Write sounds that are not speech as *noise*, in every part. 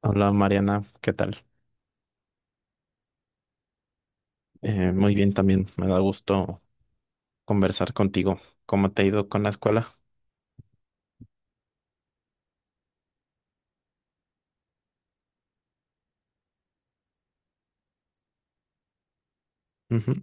Hola Mariana, ¿qué tal? Muy bien también, me da gusto conversar contigo. ¿Cómo te ha ido con la escuela? Ujú,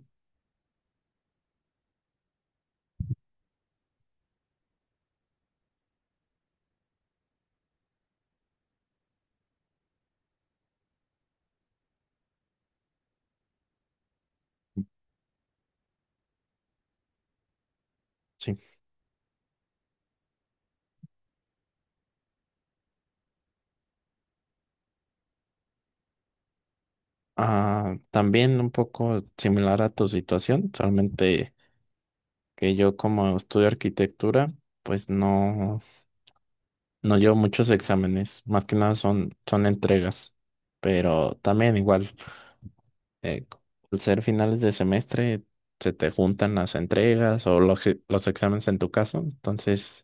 sí. Ah, también un poco similar a tu situación, solamente que yo como estudio arquitectura, pues no, no llevo muchos exámenes, más que nada son entregas, pero también igual, eh, al ser finales de semestre, se te juntan las entregas o los exámenes en tu caso, entonces...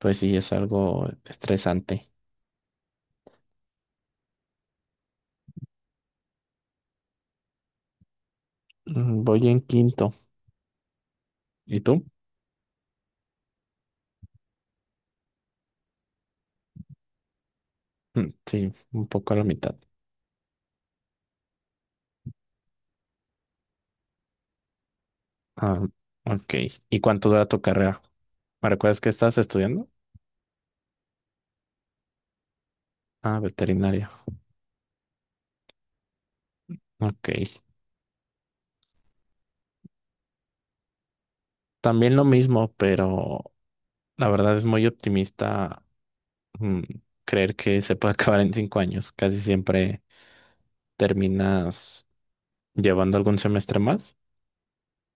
Pues sí, es algo estresante. Voy en quinto. ¿Y tú? Sí, un poco a la mitad. Ah, ok. ¿Y cuánto dura tu carrera? ¿Me recuerdas que estás estudiando? Ah, veterinaria. Ok. También lo mismo, pero la verdad es muy optimista mm, creer que se puede *laughs* acabar en 5 años. Casi siempre terminas llevando algún semestre más.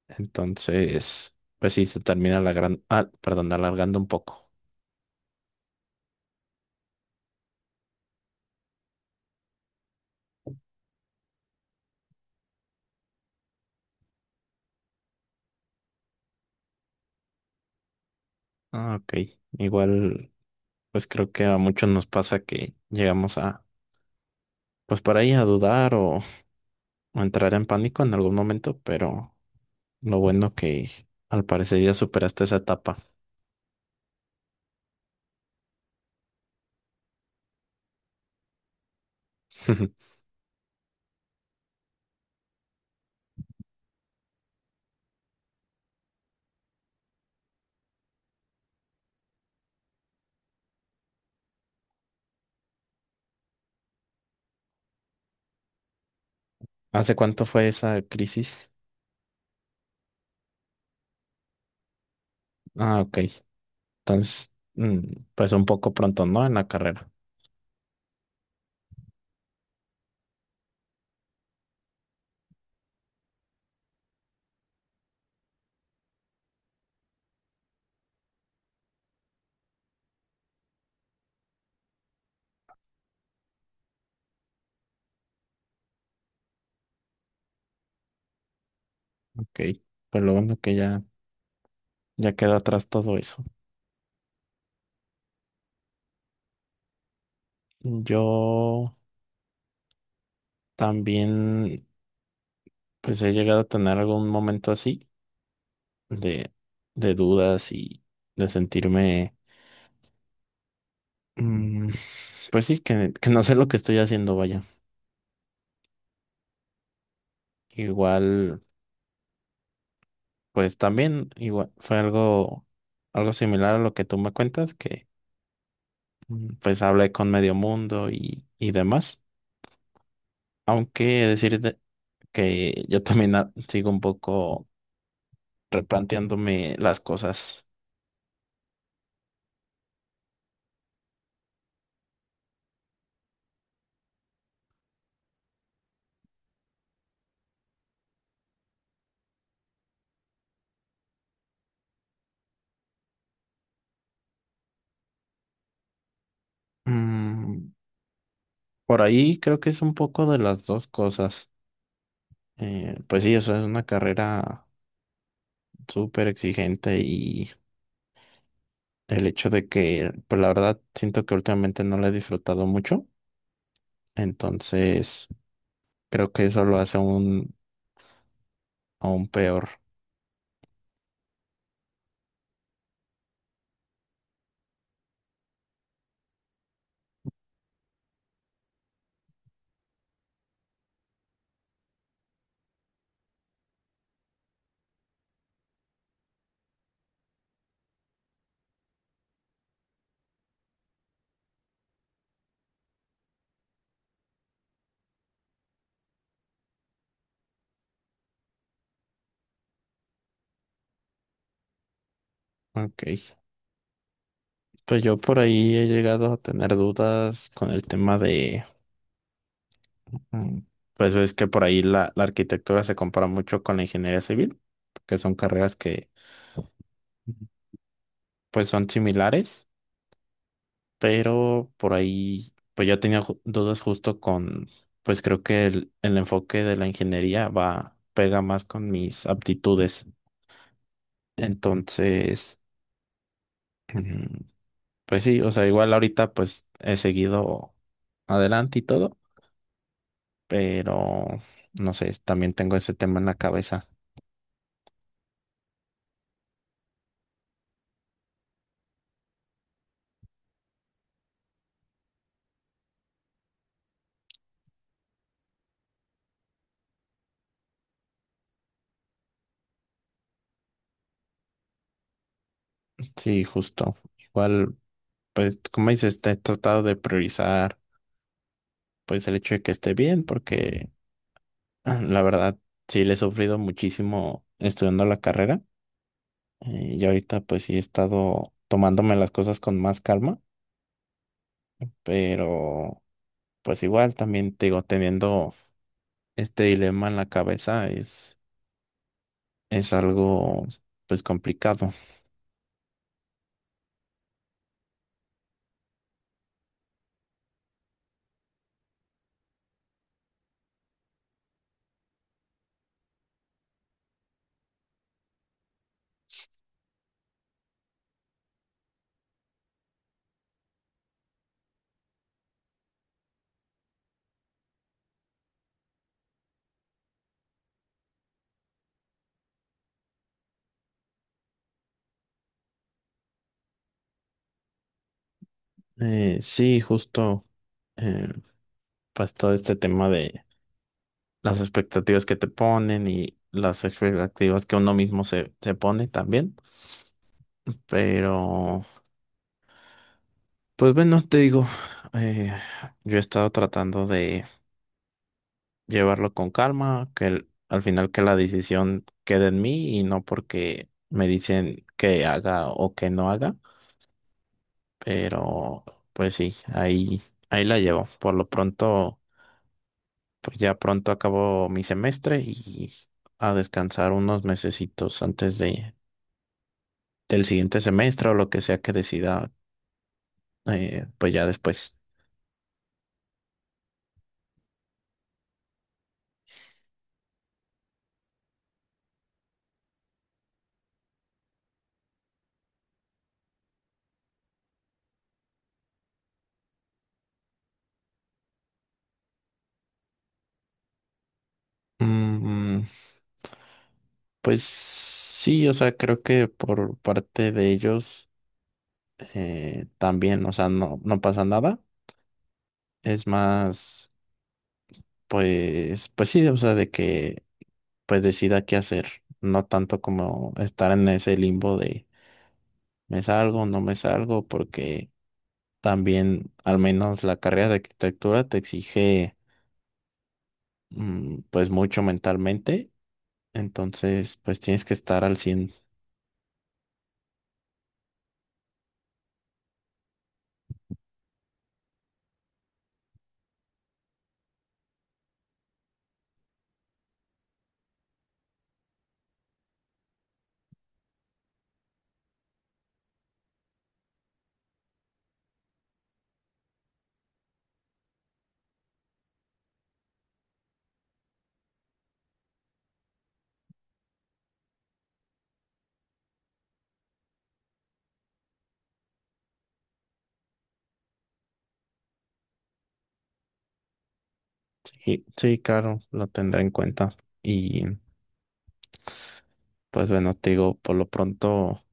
Entonces, pues sí, se termina la gran... ah, perdón, alargando un poco. Ah, ok. Igual, pues creo que a muchos nos pasa que llegamos a, pues por ahí a dudar o entrar en pánico en algún momento, pero lo bueno que al parecer ya superaste esa etapa. *laughs* ¿Hace cuánto fue esa crisis? Ah, ok. Entonces, pues un poco pronto, ¿no? En la carrera. Ok. Pues lo bueno que ya, ya queda atrás todo eso. Yo también, pues he llegado a tener algún momento así de, de dudas y de sentirme... mm, pues sí, que no sé lo que estoy haciendo, vaya. Igual, pues también, igual, fue algo, algo similar a lo que tú me cuentas, que pues hablé con medio mundo y demás. Aunque decirte que yo también sigo un poco replanteándome las cosas. Mm, por ahí creo que es un poco de las dos cosas. Pues sí, eso es una carrera súper exigente y el hecho de que, pues la verdad, siento que últimamente no la he disfrutado mucho. Entonces, creo que eso lo hace aún, aún peor. Ok. Pues yo por ahí he llegado a tener dudas con el tema de, mm, pues ves que por ahí la arquitectura se compara mucho con la ingeniería civil, que son carreras que Ujú, pues son similares, pero por ahí pues yo tenía dudas justo con, pues creo que el enfoque de la ingeniería va, pega más con mis aptitudes. Entonces... *clears throat* Pues sí, o sea, igual ahorita pues he seguido adelante y todo, pero no sé, también tengo ese tema en la cabeza. Sí, justo. Igual, pues como dices, te he tratado de priorizar pues el hecho de que esté bien, porque ah, la verdad sí le he sufrido muchísimo estudiando la carrera, y ahorita pues sí he estado tomándome las cosas con más calma, pero pues igual también te digo, teniendo este dilema en la cabeza es algo pues complicado. Sí, justo, eh, pues todo este tema de las expectativas que te ponen y las expectativas que uno mismo se, se pone también. Pero pues bueno, te digo, eh, yo he estado tratando de llevarlo con calma, que el- al final que la decisión quede en mí y no porque me dicen que haga o que no haga. Pero pues sí, ahí, ahí la llevo. Por lo pronto. Pues ya pronto acabo mi semestre y a descansar unos mesecitos antes de, del siguiente semestre o lo que sea que decida, pues ya después. Mm, pues sí, o sea, creo que por parte de ellos también, o sea, no, no pasa nada. Es más, pues, pues sí, o sea, de que pues decida qué hacer, no tanto como estar en ese limbo de me salgo, no me salgo, porque también, al menos la carrera de arquitectura te exige pues mucho mentalmente, entonces pues tienes que estar al cien. Sí, sí, claro, lo tendré en cuenta. Y pues bueno, te digo, por lo pronto,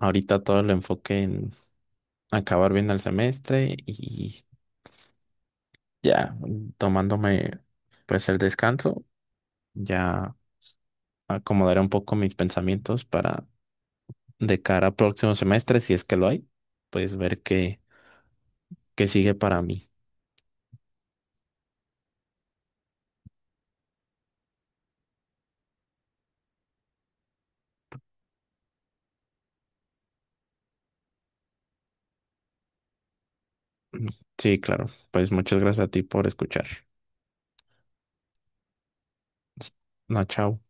ahorita todo el enfoque en acabar bien el semestre y ya tomándome pues el descanso, ya acomodaré un poco mis pensamientos para de cara al próximo semestre, si es que lo hay, pues ver qué, qué sigue para mí. Sí, claro. Pues muchas gracias a ti por escuchar. Hasta- No, chao.